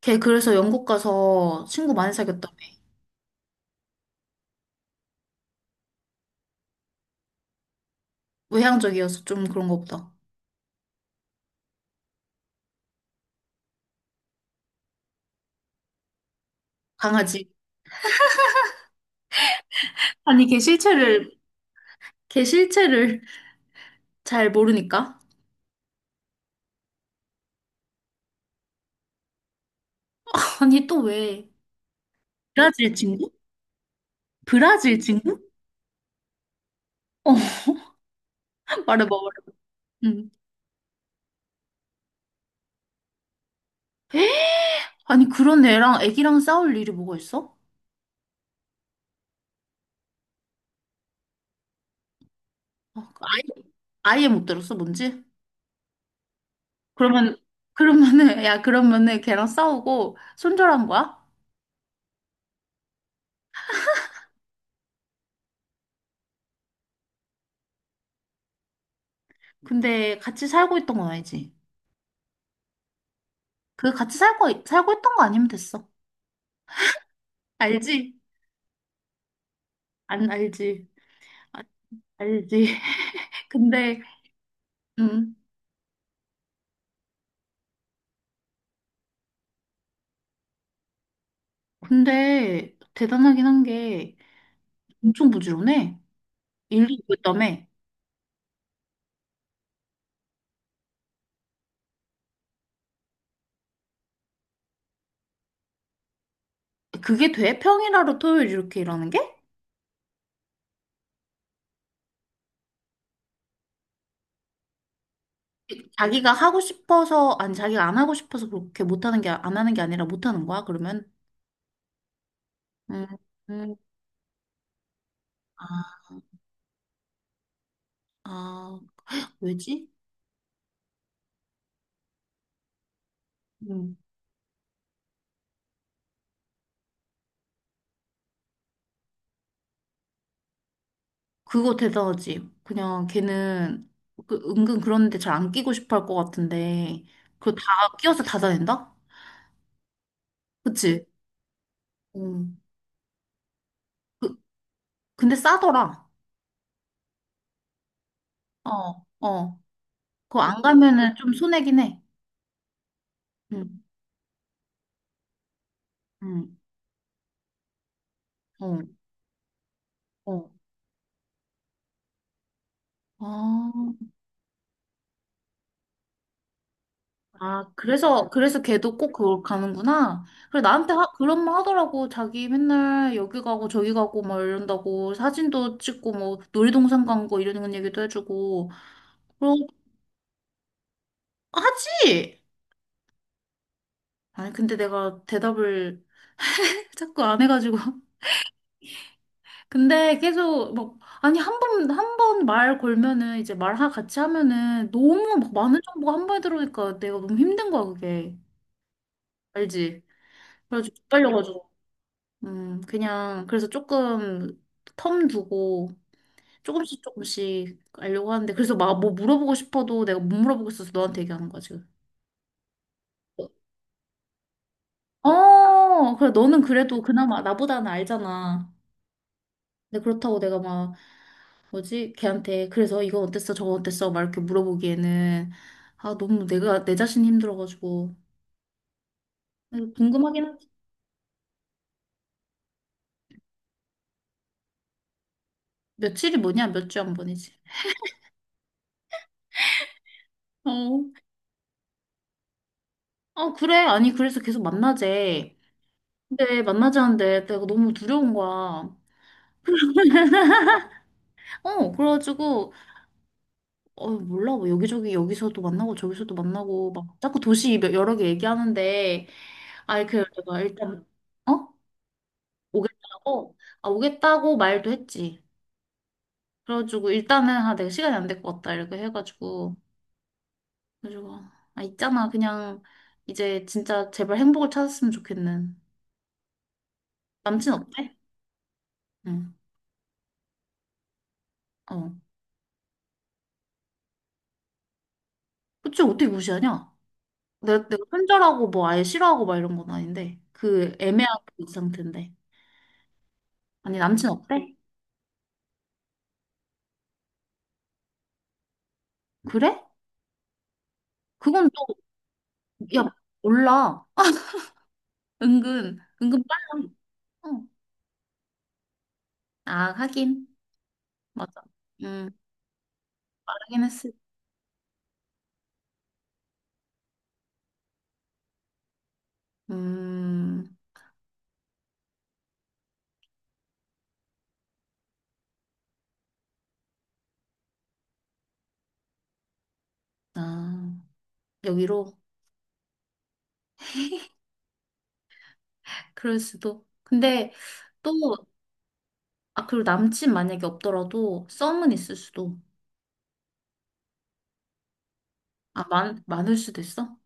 걔 그래서 영국 가서 친구 많이 사귀었다며. 외향적이어서 좀 그런 거 보다. 강아지. 아니, 걔 실체를, 걔 실체를 잘 모르니까. 아니, 또 왜? 브라질 친구? 브라질 친구? 어, 말해봐, 말해봐. 응. 에? 아니, 그런 애랑 애기랑 싸울 일이 뭐가 있어? 아, 아예, 아예 못 들었어, 뭔지? 그러면, 그러면은, 야, 그러면은 걔랑 싸우고 손절한 거야? 근데 같이 살고 있던 건 아니지. 그 같이 살고 있던 거 아니면 됐어. 알지? 안 알지? 아, 알지? 근데 음 근데 대단하긴 한 게 엄청 부지런해. 일도 있다며. 그게 돼? 평일하루 토요일 이렇게 일하는 게? 자기가 하고 싶어서 아니 자기가 안 하고 싶어서 그렇게 못하는 게 안 하는 게 아니라 못하는 거야 그러면? 음, 음, 아, 아 왜지? 음 그거 대단하지. 그냥 걔는 그 은근 그런데 잘 안 끼고 싶어 할 것 같은데 그거 다 끼워서 다 다닌다? 그치? 음. 그, 근데 싸더라. 어, 어. 그거 안 가면은 좀 손해긴 해. 응, 응, 어, 어. 아, 아, 그래서, 그래서 걔도 꼭 그걸 가는구나. 그래, 나한테 하, 그런 말 하더라고. 자기 맨날 여기 가고 저기 가고 막 이런다고. 사진도 찍고 뭐 놀이동산 간 거 이런 얘기도 해주고. 그러, 하지! 아니, 근데 내가 대답을 자꾸 안 해가지고. 근데 계속 막 아니 한 번 말 걸면은 이제 같이 하면은 너무 막 많은 정보가 한 번에 들어오니까 내가 너무 힘든 거야 그게. 알지? 그래가지고 빨려가지고 그냥 그래서 조금 텀 두고 조금씩 조금씩 알려고 하는데 그래서 막 뭐 물어보고 싶어도 내가 못 물어보고 있어서 너한테 얘기하는 거야 지금. 어 그래 너는 그래도 그나마 나보다는 알잖아. 근데 그렇다고 내가 막 뭐지? 걔한테 그래서 이거 어땠어? 저거 어땠어? 막 이렇게 물어보기에는 아 너무 내가 내 자신이 힘들어가지고 궁금하긴 하지. 며칠이 뭐냐? 몇 주 한 번이지. 어, 아 그래? 아니 그래서 계속 만나재. 근데 만나자는데 내가 너무 두려운 거야. 어 그래가지고 어 몰라 뭐 여기저기 여기서도 만나고 저기서도 만나고 막 자꾸 여러 개 얘기하는데 아이 그 내가 일단 어 오겠다고 말도 했지. 그래가지고 일단은 아 내가 시간이 안 될 것 같다 이렇게 해가지고 그래가지고 아 있잖아 그냥 이제 진짜 제발 행복을 찾았으면 좋겠는. 남친 어때? 응. 어. 그치 어떻게 무시하냐? 내가 손절하고 뭐 아예 싫어하고 막 이런 건 아닌데 그 애매한 그 상태인데. 아니 남친 어때? 그래? 그건 또야 몰라 은근 은근 빨라. 어. 아 하긴. 맞아. 음 빠르긴 했을. 음 아 여기로. 그럴 수도. 근데 또, 아, 그리고 남친 만약에 없더라도 썸은 있을 수도. 아, 많을 수도 있어?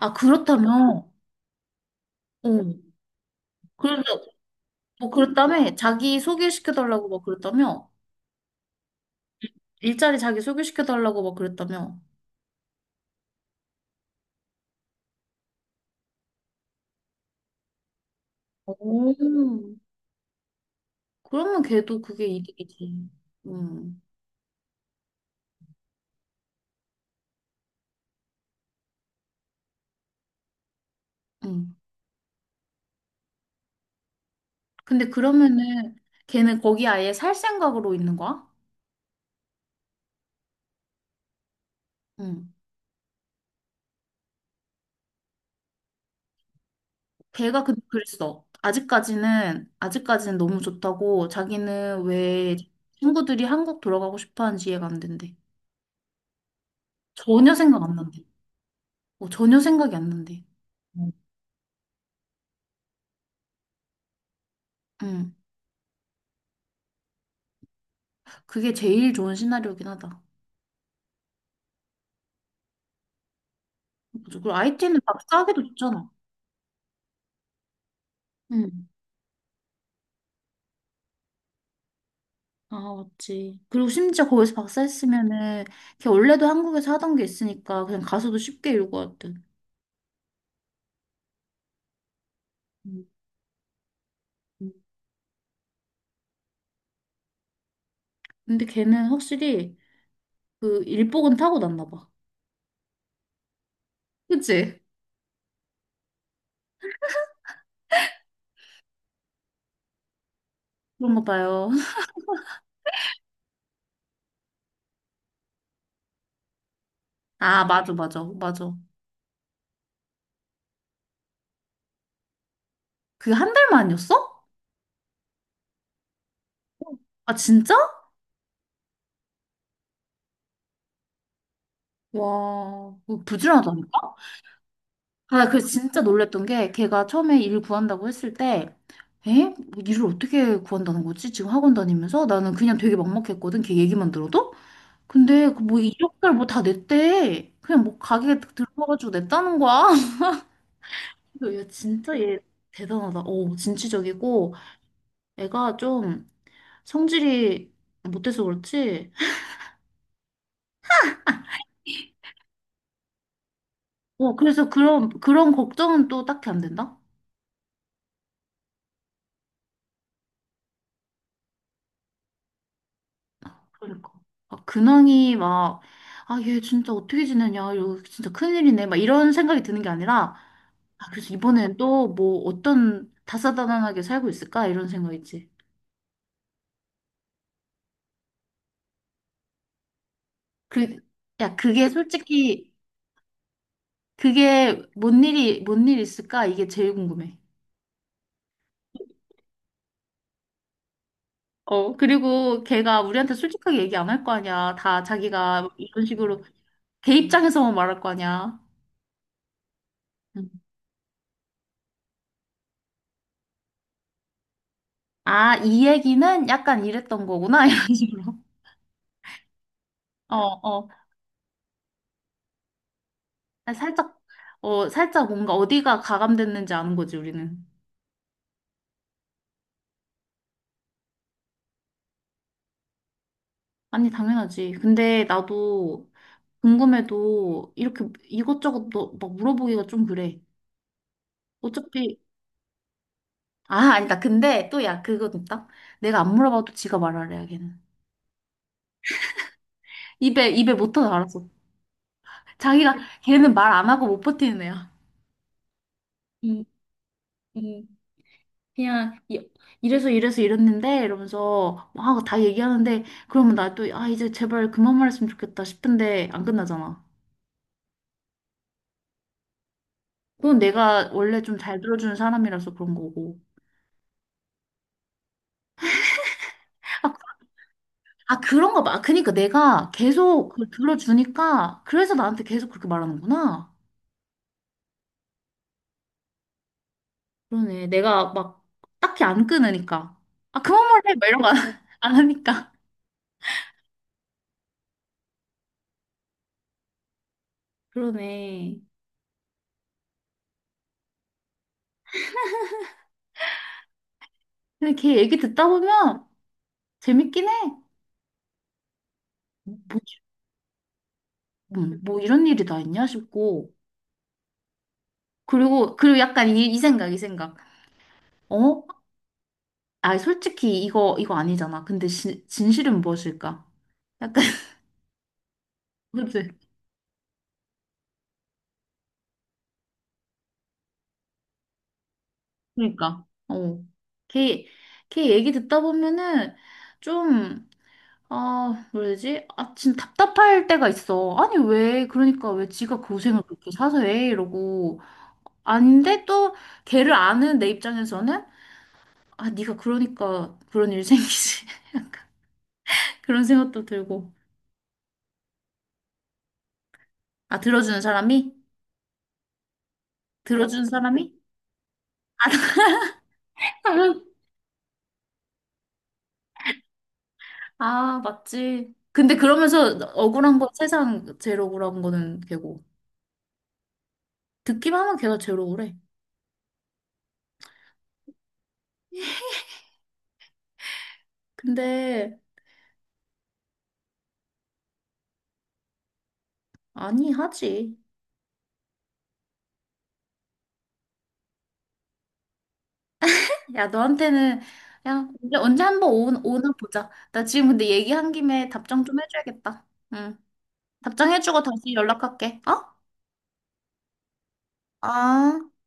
아, 그렇다면, 어. 그래서, 뭐, 그랬다며? 자기 소개시켜달라고 막 그랬다며? 일자리 자기 소개시켜달라고 막 그랬다며? 오. 그러면 걔도 그게 이득이지. 음, 음. 근데 그러면은 걔는 거기 아예 살 생각으로 있는 거야? 음. 걔가 근데 그랬어. 아직까지는, 아직까지는 너무 좋다고 자기는 왜 친구들이 한국 돌아가고 싶어 하는지 이해가 안 된대. 전혀 생각 안 난대. 어, 전혀 생각이 안 난대. 음. 응. 그게 제일 좋은 시나리오긴 하다. 맞아. 그리고 IT는 사하기도 좋잖아. 응. 아, 맞지. 그리고 심지어 거기서 박사 했으면은 걔 원래도 한국에서 하던 게 있으니까 그냥 가서도 쉽게 이루고 왔든. 음, 음. 근데 걔는 확실히 그 일복은 타고났나 봐. 그치? 그런가 봐요. 아, 맞아, 맞아, 맞아. 그게 한 달 만이었어? 아, 진짜? 와, 그거 부지런하다니까? 아, 나 그래서 진짜 놀랬던 게 걔가 처음에 일 구한다고 했을 때 에? 뭐 일을 어떻게 구한다는 거지? 지금 학원 다니면서? 나는 그냥 되게 막막했거든, 걔 얘기만 들어도? 근데 그뭐 이력서를 뭐 다 냈대. 그냥 뭐 가게 들어가가지고 냈다는 거야. 그래서 야, 진짜 얘 대단하다. 오, 진취적이고 애가 좀 성질이 못해서 그렇지? 어, 그래서 그런, 그런 걱정은 또 딱히 안 된다? 그러니까. 막 근황이 막, 아, 얘 진짜 어떻게 지내냐, 이거 진짜 큰일이네, 막 이런 생각이 드는 게 아니라, 아, 그래서 이번엔 또 뭐 어떤 다사다난하게 살고 있을까? 이런 생각이지. 그, 야, 그게 솔직히, 그게 뭔 일이, 뭔 일 있을까? 이게 제일 궁금해. 어, 그리고 걔가 우리한테 솔직하게 얘기 안 할 거 아니야. 다 자기가 이런 식으로 걔 입장에서만 말할 거 아니야. 아, 이 얘기는 약간 이랬던 거구나, 이런 식으로. 어, 어. 아, 살짝, 어, 살짝 뭔가 어디가 가감됐는지 아는 거지, 우리는. 아니, 당연하지. 근데 나도 궁금해도 이렇게 이것저것 너, 막 물어보기가 좀 그래. 어차피, 아, 아니다. 근데 또 야, 그건 있다. 내가 안 물어봐도 지가 말하래, 야, 걔는. 입에 못 터져, 알았어. 자기가, 걔는 말 안 하고 못 버티는 애야. 응, 응. 그냥 이- 이래서 이래서 이랬는데 이러면서 막 다 얘기하는데 그러면 나 또 아 이제 제발 그만 말했으면 좋겠다 싶은데 안 끝나잖아. 그건 내가 원래 좀 잘 들어주는 사람이라서 그런 거고. 아, 아 그런가 봐. 그러니까 내가 계속 그걸 들어주니까 그래서 나한테 계속 그렇게 말하는구나. 그러네. 내가 막 딱히 안 끊으니까. 아 그만 말해. 막 이런 거 안 안 하니까. 그러네. 근데 걔 얘기 듣다 보면 재밌긴 해. 뭐, 뭐 이런 일이 다 있냐 싶고. 그리고, 그리고 약간 이, 이 생각, 이 생각. 어? 아, 솔직히 이거, 이거 아니잖아. 근데 진, 진실은 무엇일까? 약간, 그치? 그러니까, 어. 걔, 걔 얘기 듣다 보면은 좀, 아, 뭐지? 아, 진짜 답답할 때가 있어. 아니, 왜, 그러니까 왜 지가 고생을 그렇게 사서 해? 이러고. 아닌데 또 걔를 아는 내 입장에서는 아, 네가 그러니까 그런 일 생기지. 약간 그런 생각도 들고. 아, 들어주는 사람이? 들어주는 사람이? 아, 맞지. 근데 그러면서 억울한 건 세상 제일 억울한 거는 걔고. 듣기만 하면 걔가 제일 억울해. 근데, 아니, 하지. 야, 너한테는, 야, 언제, 언제 한번 오, 오나 보자. 나 지금 근데 얘기한 김에 답장 좀 해줘야겠다. 응. 답장해주고 다시 연락할게. 어? 아.